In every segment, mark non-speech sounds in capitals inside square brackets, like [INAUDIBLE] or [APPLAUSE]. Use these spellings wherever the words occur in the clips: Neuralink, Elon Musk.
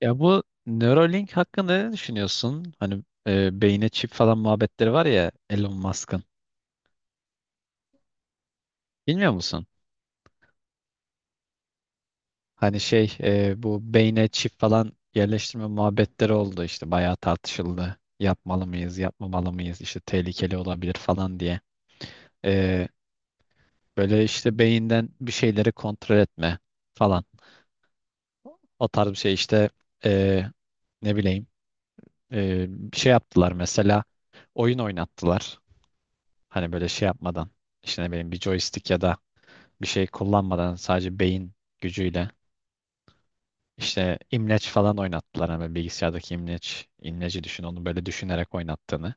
Ya bu Neuralink hakkında ne düşünüyorsun? Hani beyne çip falan muhabbetleri var ya Elon Musk'ın. Bilmiyor musun? Hani bu beyne çip falan yerleştirme muhabbetleri oldu işte bayağı tartışıldı. Yapmalı mıyız, yapmamalı mıyız? İşte tehlikeli olabilir falan diye. E, Böyle işte beyinden bir şeyleri kontrol etme falan. O tarz bir şey işte, e, ne bileyim, e, bir şey yaptılar mesela, oyun oynattılar. Hani böyle şey yapmadan, işte ne bileyim, bir joystick ya da bir şey kullanmadan sadece beyin gücüyle işte imleç falan oynattılar. Hani böyle bilgisayardaki imleç, imleci düşün, onu böyle düşünerek oynattığını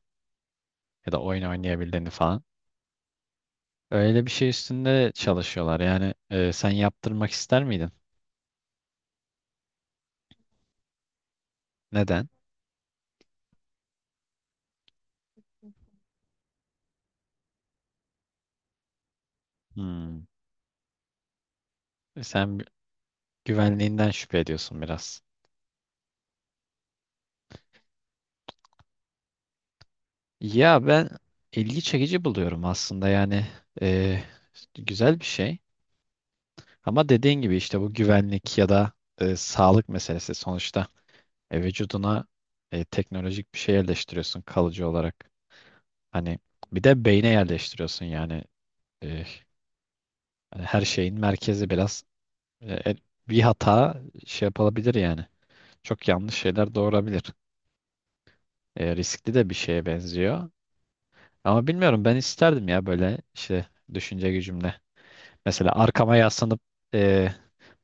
ya da oyun oynayabildiğini falan. Öyle bir şey üstünde çalışıyorlar. Yani sen yaptırmak ister miydin? Neden? Hmm. Sen güvenliğinden şüphe ediyorsun biraz. Ya ben ilgi çekici buluyorum aslında, yani e, güzel bir şey. Ama dediğin gibi işte bu güvenlik ya da sağlık meselesi sonuçta. Vücuduna teknolojik bir şey yerleştiriyorsun kalıcı olarak. Hani bir de beyne yerleştiriyorsun yani. E, Hani her şeyin merkezi biraz. e, e, Bir hata şey yapılabilir yani. Çok yanlış şeyler doğurabilir. Riskli de bir şeye benziyor. Ama bilmiyorum, ben isterdim ya, böyle işte düşünce gücümle. Mesela arkama yaslanıp e,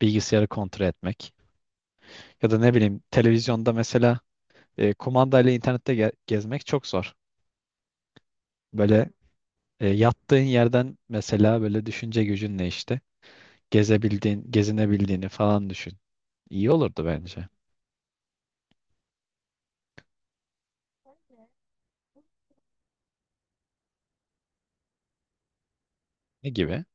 bilgisayarı kontrol etmek ya da ne bileyim televizyonda mesela kumandayla internette gezmek çok zor. Böyle yattığın yerden mesela böyle düşünce gücünle işte gezebildiğin, gezinebildiğini falan düşün. İyi olurdu bence. Ne gibi?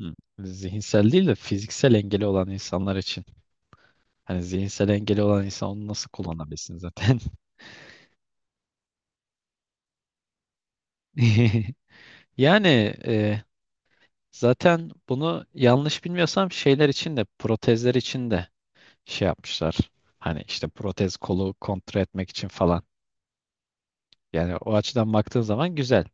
Hı. Zihinsel değil de fiziksel engeli olan insanlar için. Hani zihinsel engeli olan insan onu nasıl kullanabilsin zaten? [LAUGHS] Yani e, zaten bunu yanlış bilmiyorsam şeyler için de, protezler için de şey yapmışlar. Hani işte protez kolu kontrol etmek için falan. Yani o açıdan baktığın zaman güzel.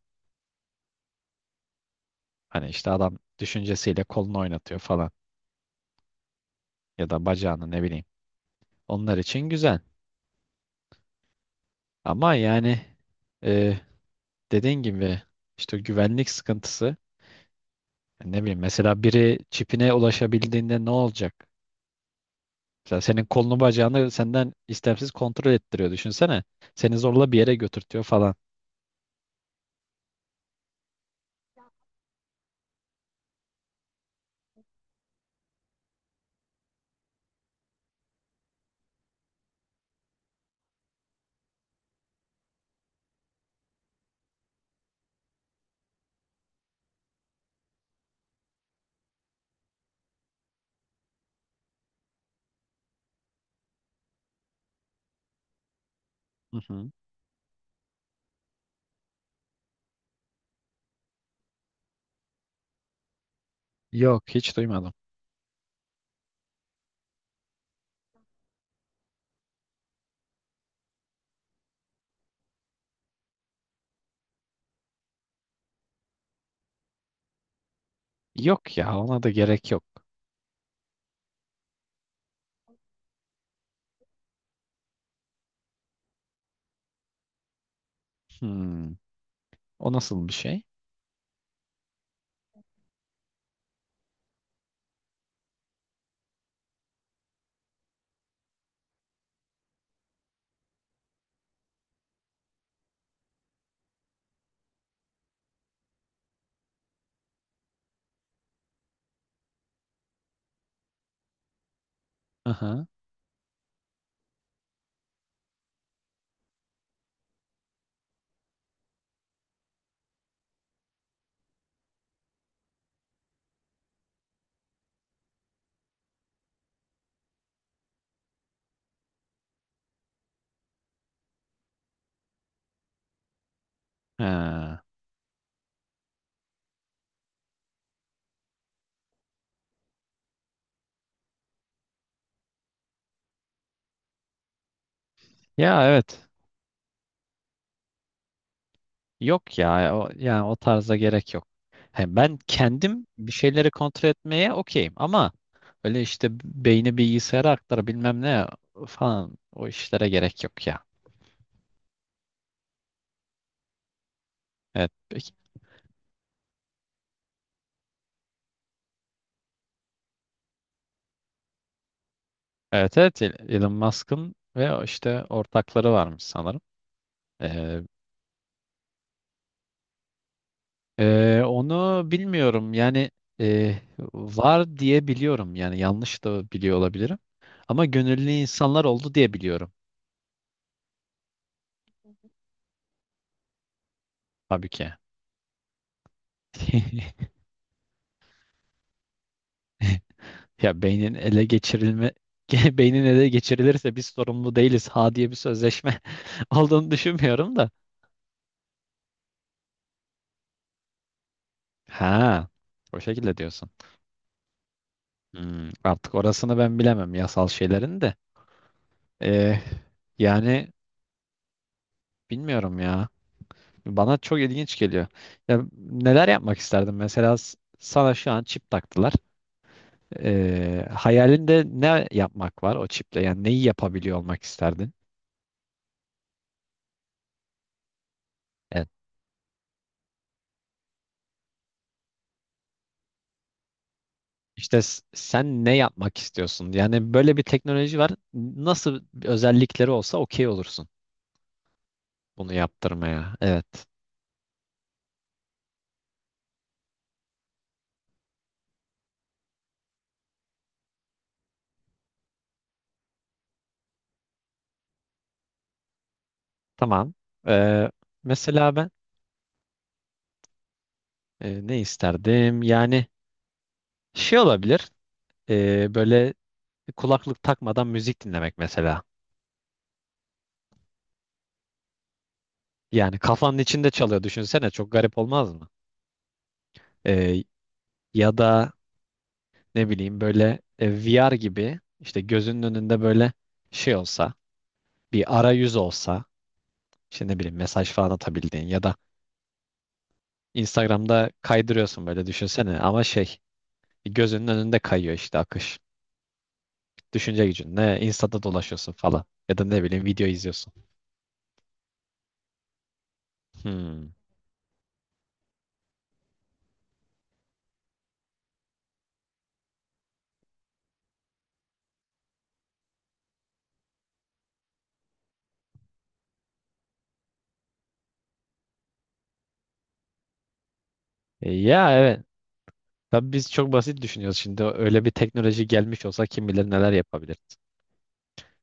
Hani işte adam düşüncesiyle kolunu oynatıyor falan, ya da bacağını, ne bileyim. Onlar için güzel. Ama yani e, dediğin gibi işte güvenlik sıkıntısı, ne bileyim, mesela biri çipine ulaşabildiğinde ne olacak? Mesela senin kolunu bacağını senden istemsiz kontrol ettiriyor, düşünsene. Seni zorla bir yere götürtüyor falan. Hı hı. Yok, hiç duymadım. Yok ya, ona da gerek yok. Hmm, o nasıl bir şey? Aha. Ha. Ya evet. Yok ya. O, yani o tarza gerek yok. He, ben kendim bir şeyleri kontrol etmeye okeyim ama öyle işte beyni bilgisayara aktar bilmem ne falan, o işlere gerek yok ya. Evet, peki. Evet, evet, Elon Musk'ın, ve o işte ortakları varmış sanırım. Ee, Onu bilmiyorum yani. e, Var diye biliyorum, yani yanlış da biliyor olabilirim. Ama gönüllü insanlar oldu diye biliyorum, tabii ki. [LAUGHS] Ya beynin ele geçirilme, [LAUGHS] beynin ele geçirilirse biz sorumlu değiliz ha diye bir sözleşme [LAUGHS] olduğunu düşünmüyorum da. Ha, o şekilde diyorsun. Hmm, artık orasını ben bilemem, yasal şeylerin de. Ee, Yani bilmiyorum ya. Bana çok ilginç geliyor. Ya neler yapmak isterdim? Mesela sana şu an çip taktılar. Hayalinde ne yapmak var o çiple? Yani neyi yapabiliyor olmak isterdin? İşte sen ne yapmak istiyorsun? Yani böyle bir teknoloji var. Nasıl bir özellikleri olsa okey olursun bunu yaptırmaya. Evet. Tamam. Ee, Mesela ben ne isterdim? Yani şey olabilir. Böyle kulaklık takmadan müzik dinlemek mesela. Yani kafanın içinde çalıyor. Düşünsene, çok garip olmaz mı? Ee, Ya da ne bileyim böyle, VR gibi, işte gözünün önünde böyle şey olsa, bir arayüz olsa, işte ne bileyim mesaj falan atabildiğin, ya da Instagram'da kaydırıyorsun böyle, düşünsene, ama şey, gözünün önünde kayıyor işte akış. Düşünce gücünle Insta'da dolaşıyorsun falan, ya da ne bileyim video izliyorsun. Hmm. Ya evet. Tabii biz çok basit düşünüyoruz şimdi. Öyle bir teknoloji gelmiş olsa kim bilir neler yapabiliriz.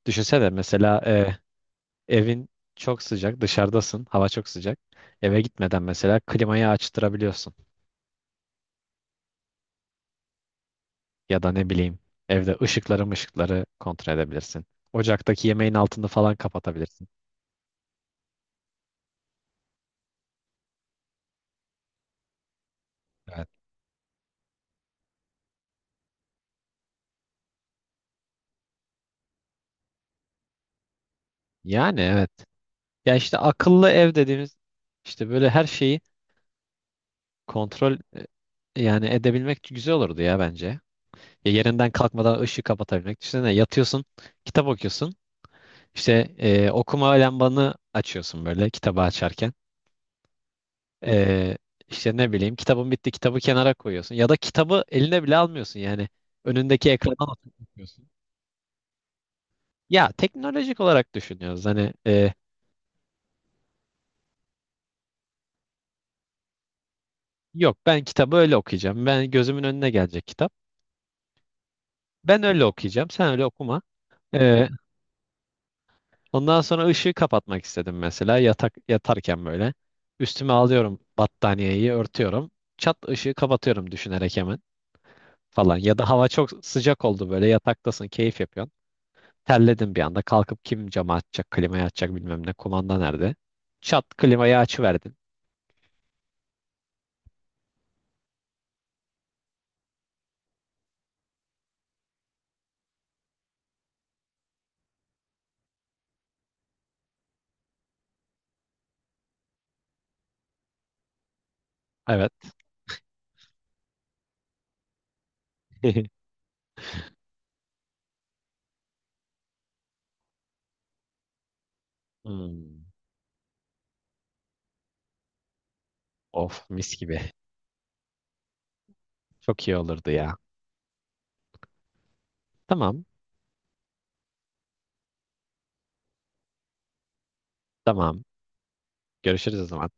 Düşünsene mesela, evin çok sıcak, dışarıdasın, hava çok sıcak. Eve gitmeden mesela klimayı açtırabiliyorsun. Ya da ne bileyim evde ışıkları kontrol edebilirsin. Ocaktaki yemeğin altını falan kapatabilirsin. Evet. Yani evet. Ya işte akıllı ev dediğimiz, işte böyle her şeyi kontrol yani edebilmek güzel olurdu ya bence. Ya yerinden kalkmadan ışığı kapatabilmek. Düşünsene, yatıyorsun, kitap okuyorsun. İşte okuma lambanı açıyorsun böyle kitabı açarken. E, işte ne bileyim, kitabın bitti, kitabı kenara koyuyorsun. Ya da kitabı eline bile almıyorsun yani. Önündeki ekrana atıp okuyorsun. Ya teknolojik olarak düşünüyoruz. Hani yok, ben kitabı öyle okuyacağım. Ben gözümün önüne gelecek kitap. Ben öyle okuyacağım. Sen öyle okuma. Ee, Ondan sonra ışığı kapatmak istedim mesela, yatak yatarken böyle. Üstüme alıyorum battaniyeyi, örtüyorum. Çat, ışığı kapatıyorum düşünerek hemen falan. Ya da hava çok sıcak oldu, böyle yataktasın, keyif yapıyorsun. Terledim bir anda, kalkıp kim camı açacak, klimayı açacak, bilmem ne, kumanda nerede. Çat, klimayı açıverdin. Evet. [LAUGHS] Hmm. Of, mis gibi. Çok iyi olurdu ya. Tamam, tamam. Görüşürüz o zaman.